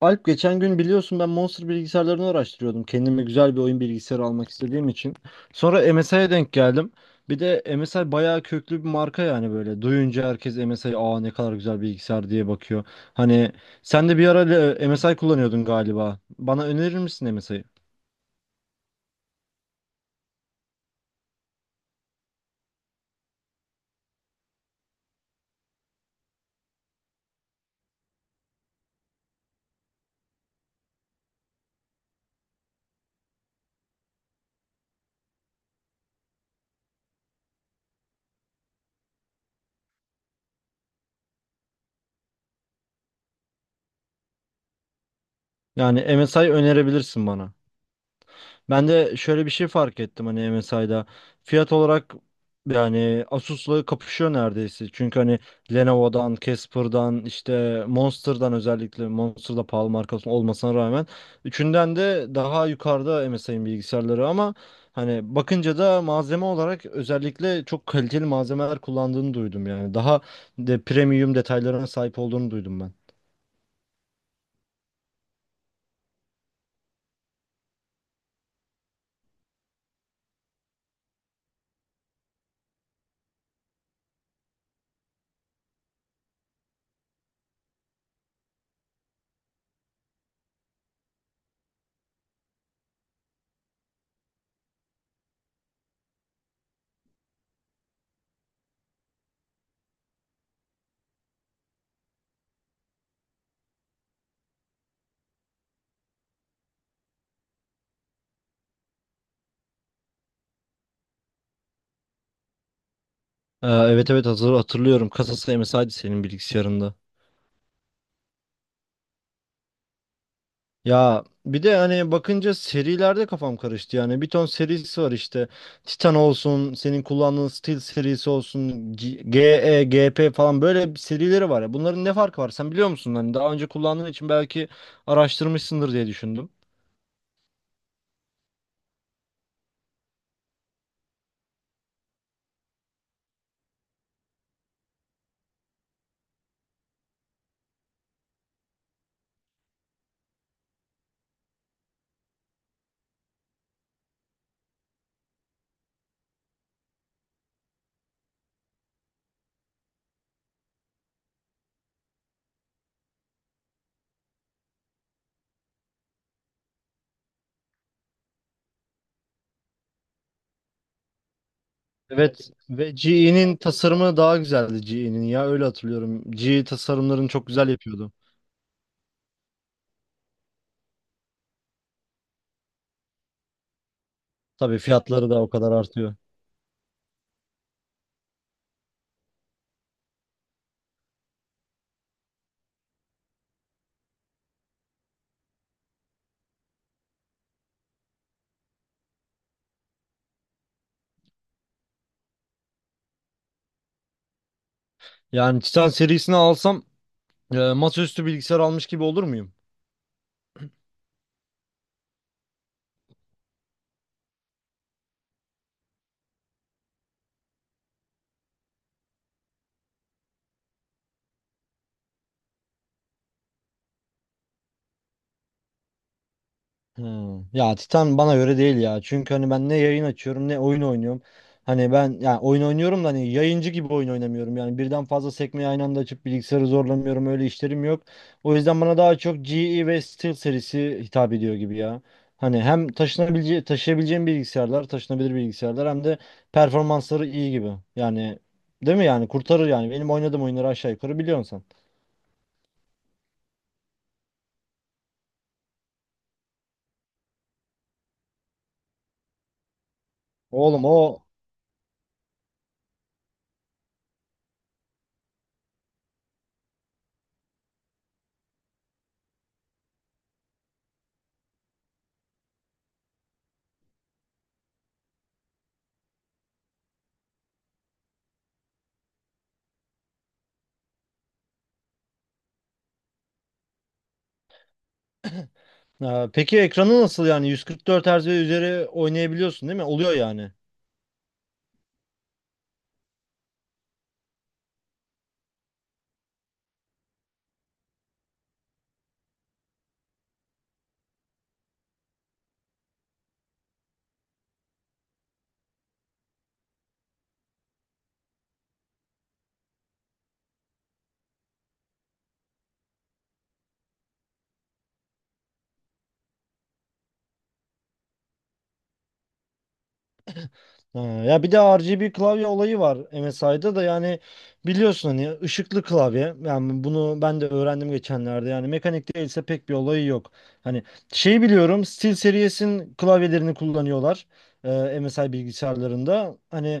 Alp, geçen gün biliyorsun ben Monster bilgisayarlarını araştırıyordum. Kendime güzel bir oyun bilgisayarı almak istediğim için. Sonra MSI'ye denk geldim. Bir de MSI bayağı köklü bir marka yani böyle. Duyunca herkes MSI aa ne kadar güzel bilgisayar diye bakıyor. Hani sen de bir ara MSI kullanıyordun galiba. Bana önerir misin MSI'yi? Yani MSI önerebilirsin bana. Ben de şöyle bir şey fark ettim hani MSI'da. Fiyat olarak yani Asus'la kapışıyor neredeyse. Çünkü hani Lenovo'dan, Casper'dan, işte Monster'dan, özellikle Monster da pahalı markası olmasına rağmen üçünden de daha yukarıda MSI'nin bilgisayarları, ama hani bakınca da malzeme olarak özellikle çok kaliteli malzemeler kullandığını duydum yani. Daha de premium detaylarına sahip olduğunu duydum ben. Evet, evet, hazır hatırlıyorum. Kasası MSI'di senin bilgisayarında. Ya bir de hani bakınca serilerde kafam karıştı, yani bir ton serisi var işte. Titan olsun, senin kullandığın Steel serisi olsun, GE, GP falan böyle bir serileri var ya. Bunların ne farkı var, sen biliyor musun? Hani daha önce kullandığın için belki araştırmışsındır diye düşündüm. Evet, ve GE'nin tasarımı daha güzeldi GE'nin. Ya öyle hatırlıyorum, GE tasarımlarını çok güzel yapıyordu. Tabii fiyatları da o kadar artıyor. Yani Titan serisini alsam, masaüstü bilgisayar almış gibi olur muyum? Hmm. Ya Titan bana göre değil ya. Çünkü hani ben ne yayın açıyorum ne oyun oynuyorum. Hani ben ya oyun oynuyorum da hani yayıncı gibi oyun oynamıyorum. Yani birden fazla sekmeyi aynı anda açıp bilgisayarı zorlamıyorum. Öyle işlerim yok. O yüzden bana daha çok GE ve Steel serisi hitap ediyor gibi ya. Hani hem taşıyabileceğim bilgisayarlar, taşınabilir bilgisayarlar, hem de performansları iyi gibi. Yani değil mi yani, kurtarır yani. Benim oynadığım oyunları aşağı yukarı biliyorsun sen. Oğlum o. Ha, peki ekranı nasıl yani? 144 Hz ve üzeri oynayabiliyorsun değil mi? Oluyor yani. Ha, ya bir de RGB klavye olayı var MSI'da da yani, biliyorsun hani, ışıklı klavye. Yani bunu ben de öğrendim geçenlerde. Yani mekanik değilse pek bir olayı yok. Hani şey biliyorum, SteelSeries'in klavyelerini kullanıyorlar e, MSI bilgisayarlarında. Hani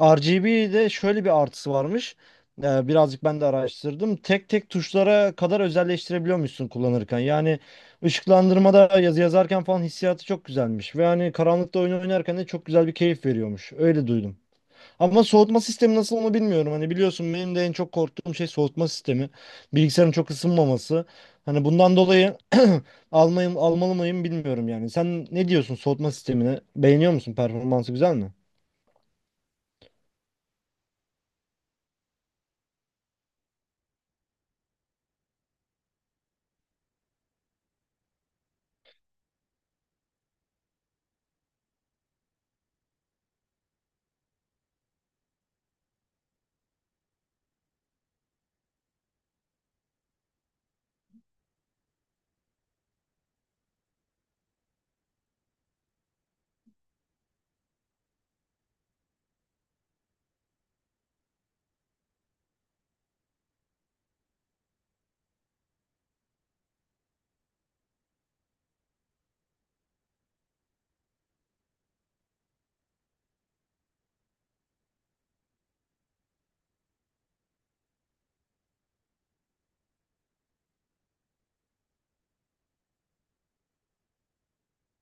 RGB'de şöyle bir artısı varmış. Birazcık ben de araştırdım. Tek tek tuşlara kadar özelleştirebiliyormuşsun kullanırken. Yani Işıklandırmada yazı yazarken falan hissiyatı çok güzelmiş. Ve hani karanlıkta oyun oynarken de çok güzel bir keyif veriyormuş. Öyle duydum. Ama soğutma sistemi nasıl onu bilmiyorum. Hani biliyorsun, benim de en çok korktuğum şey soğutma sistemi. Bilgisayarın çok ısınmaması. Hani bundan dolayı almayım, almalı mıyım bilmiyorum yani. Sen ne diyorsun soğutma sistemine? Beğeniyor musun? Performansı güzel mi?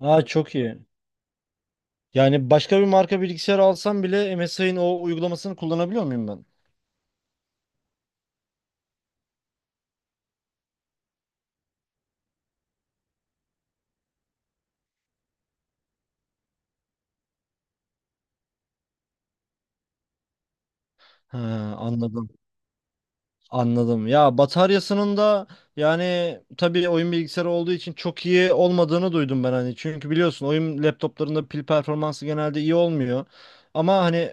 Aa, çok iyi. Yani başka bir marka bilgisayar alsam bile MSI'nin o uygulamasını kullanabiliyor muyum ben? Ha, anladım. Anladım. Ya bataryasının da yani, tabii oyun bilgisayarı olduğu için çok iyi olmadığını duydum ben hani. Çünkü biliyorsun oyun laptoplarında pil performansı genelde iyi olmuyor. Ama hani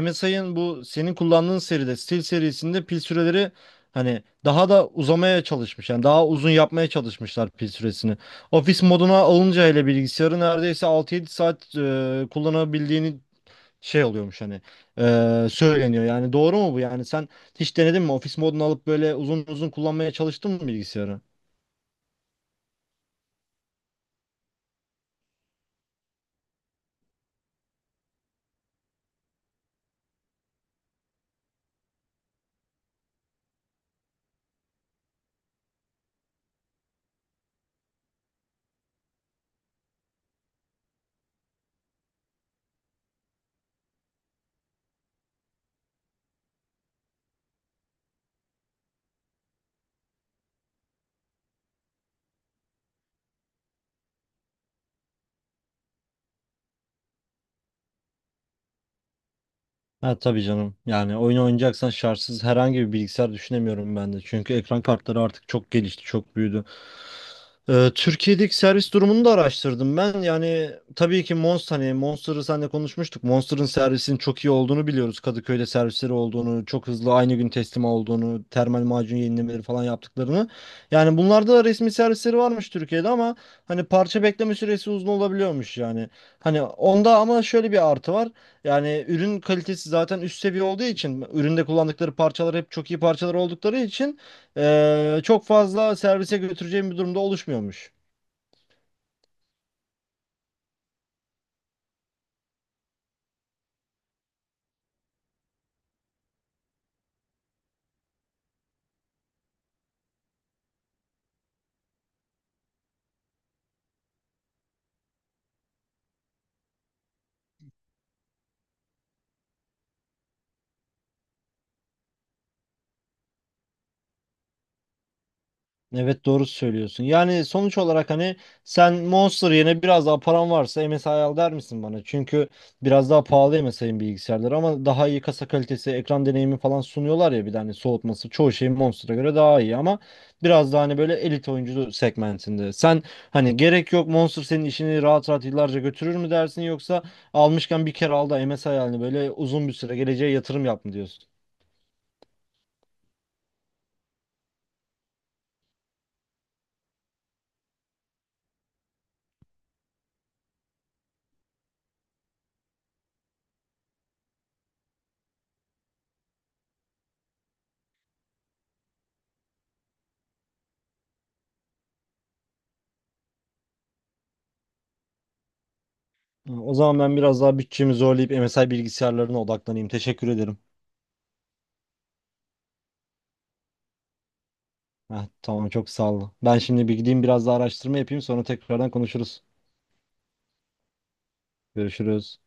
MSI'ın bu senin kullandığın seride, Steel serisinde, pil süreleri hani daha da uzamaya çalışmış. Yani daha uzun yapmaya çalışmışlar pil süresini. Ofis moduna alınca hele, bilgisayarı neredeyse 6-7 saat kullanabildiğini şey oluyormuş, hani söyleniyor yani. Doğru mu bu, yani sen hiç denedin mi ofis modunu, alıp böyle uzun uzun kullanmaya çalıştın mı bilgisayarı? Ha tabii canım, yani oyun oynayacaksan şartsız herhangi bir bilgisayar düşünemiyorum ben de, çünkü ekran kartları artık çok gelişti, çok büyüdü. Türkiye'deki servis durumunu da araştırdım ben. Yani tabii ki Monster, hani Monster'ı seninle konuşmuştuk. Monster'ın servisinin çok iyi olduğunu biliyoruz. Kadıköy'de servisleri olduğunu, çok hızlı aynı gün teslim olduğunu, termal macun yenilemeleri falan yaptıklarını. Yani bunlarda da resmi servisleri varmış Türkiye'de ama hani parça bekleme süresi uzun olabiliyormuş yani. Hani onda ama şöyle bir artı var. Yani ürün kalitesi zaten üst seviye olduğu için, üründe kullandıkları parçalar hep çok iyi parçalar oldukları için çok fazla servise götüreceğim bir durumda oluşmuyormuş. Evet, doğru söylüyorsun. Yani sonuç olarak hani, sen Monster yerine biraz daha param varsa MSI al der misin bana? Çünkü biraz daha pahalı MSI'nin bilgisayarları, ama daha iyi kasa kalitesi, ekran deneyimi falan sunuyorlar ya. Bir de hani soğutması çoğu şey Monster'a göre daha iyi, ama biraz daha hani böyle elit oyuncu segmentinde. Sen hani gerek yok, Monster senin işini rahat rahat yıllarca götürür mü dersin, yoksa almışken bir kere al da MSI yani böyle uzun bir süre geleceğe yatırım yap mı diyorsun? Ha, o zaman ben biraz daha bütçemi zorlayıp MSI bilgisayarlarına odaklanayım. Teşekkür ederim. Heh, tamam, çok sağ ol. Ben şimdi bir gideyim, biraz daha araştırma yapayım, sonra tekrardan konuşuruz. Görüşürüz.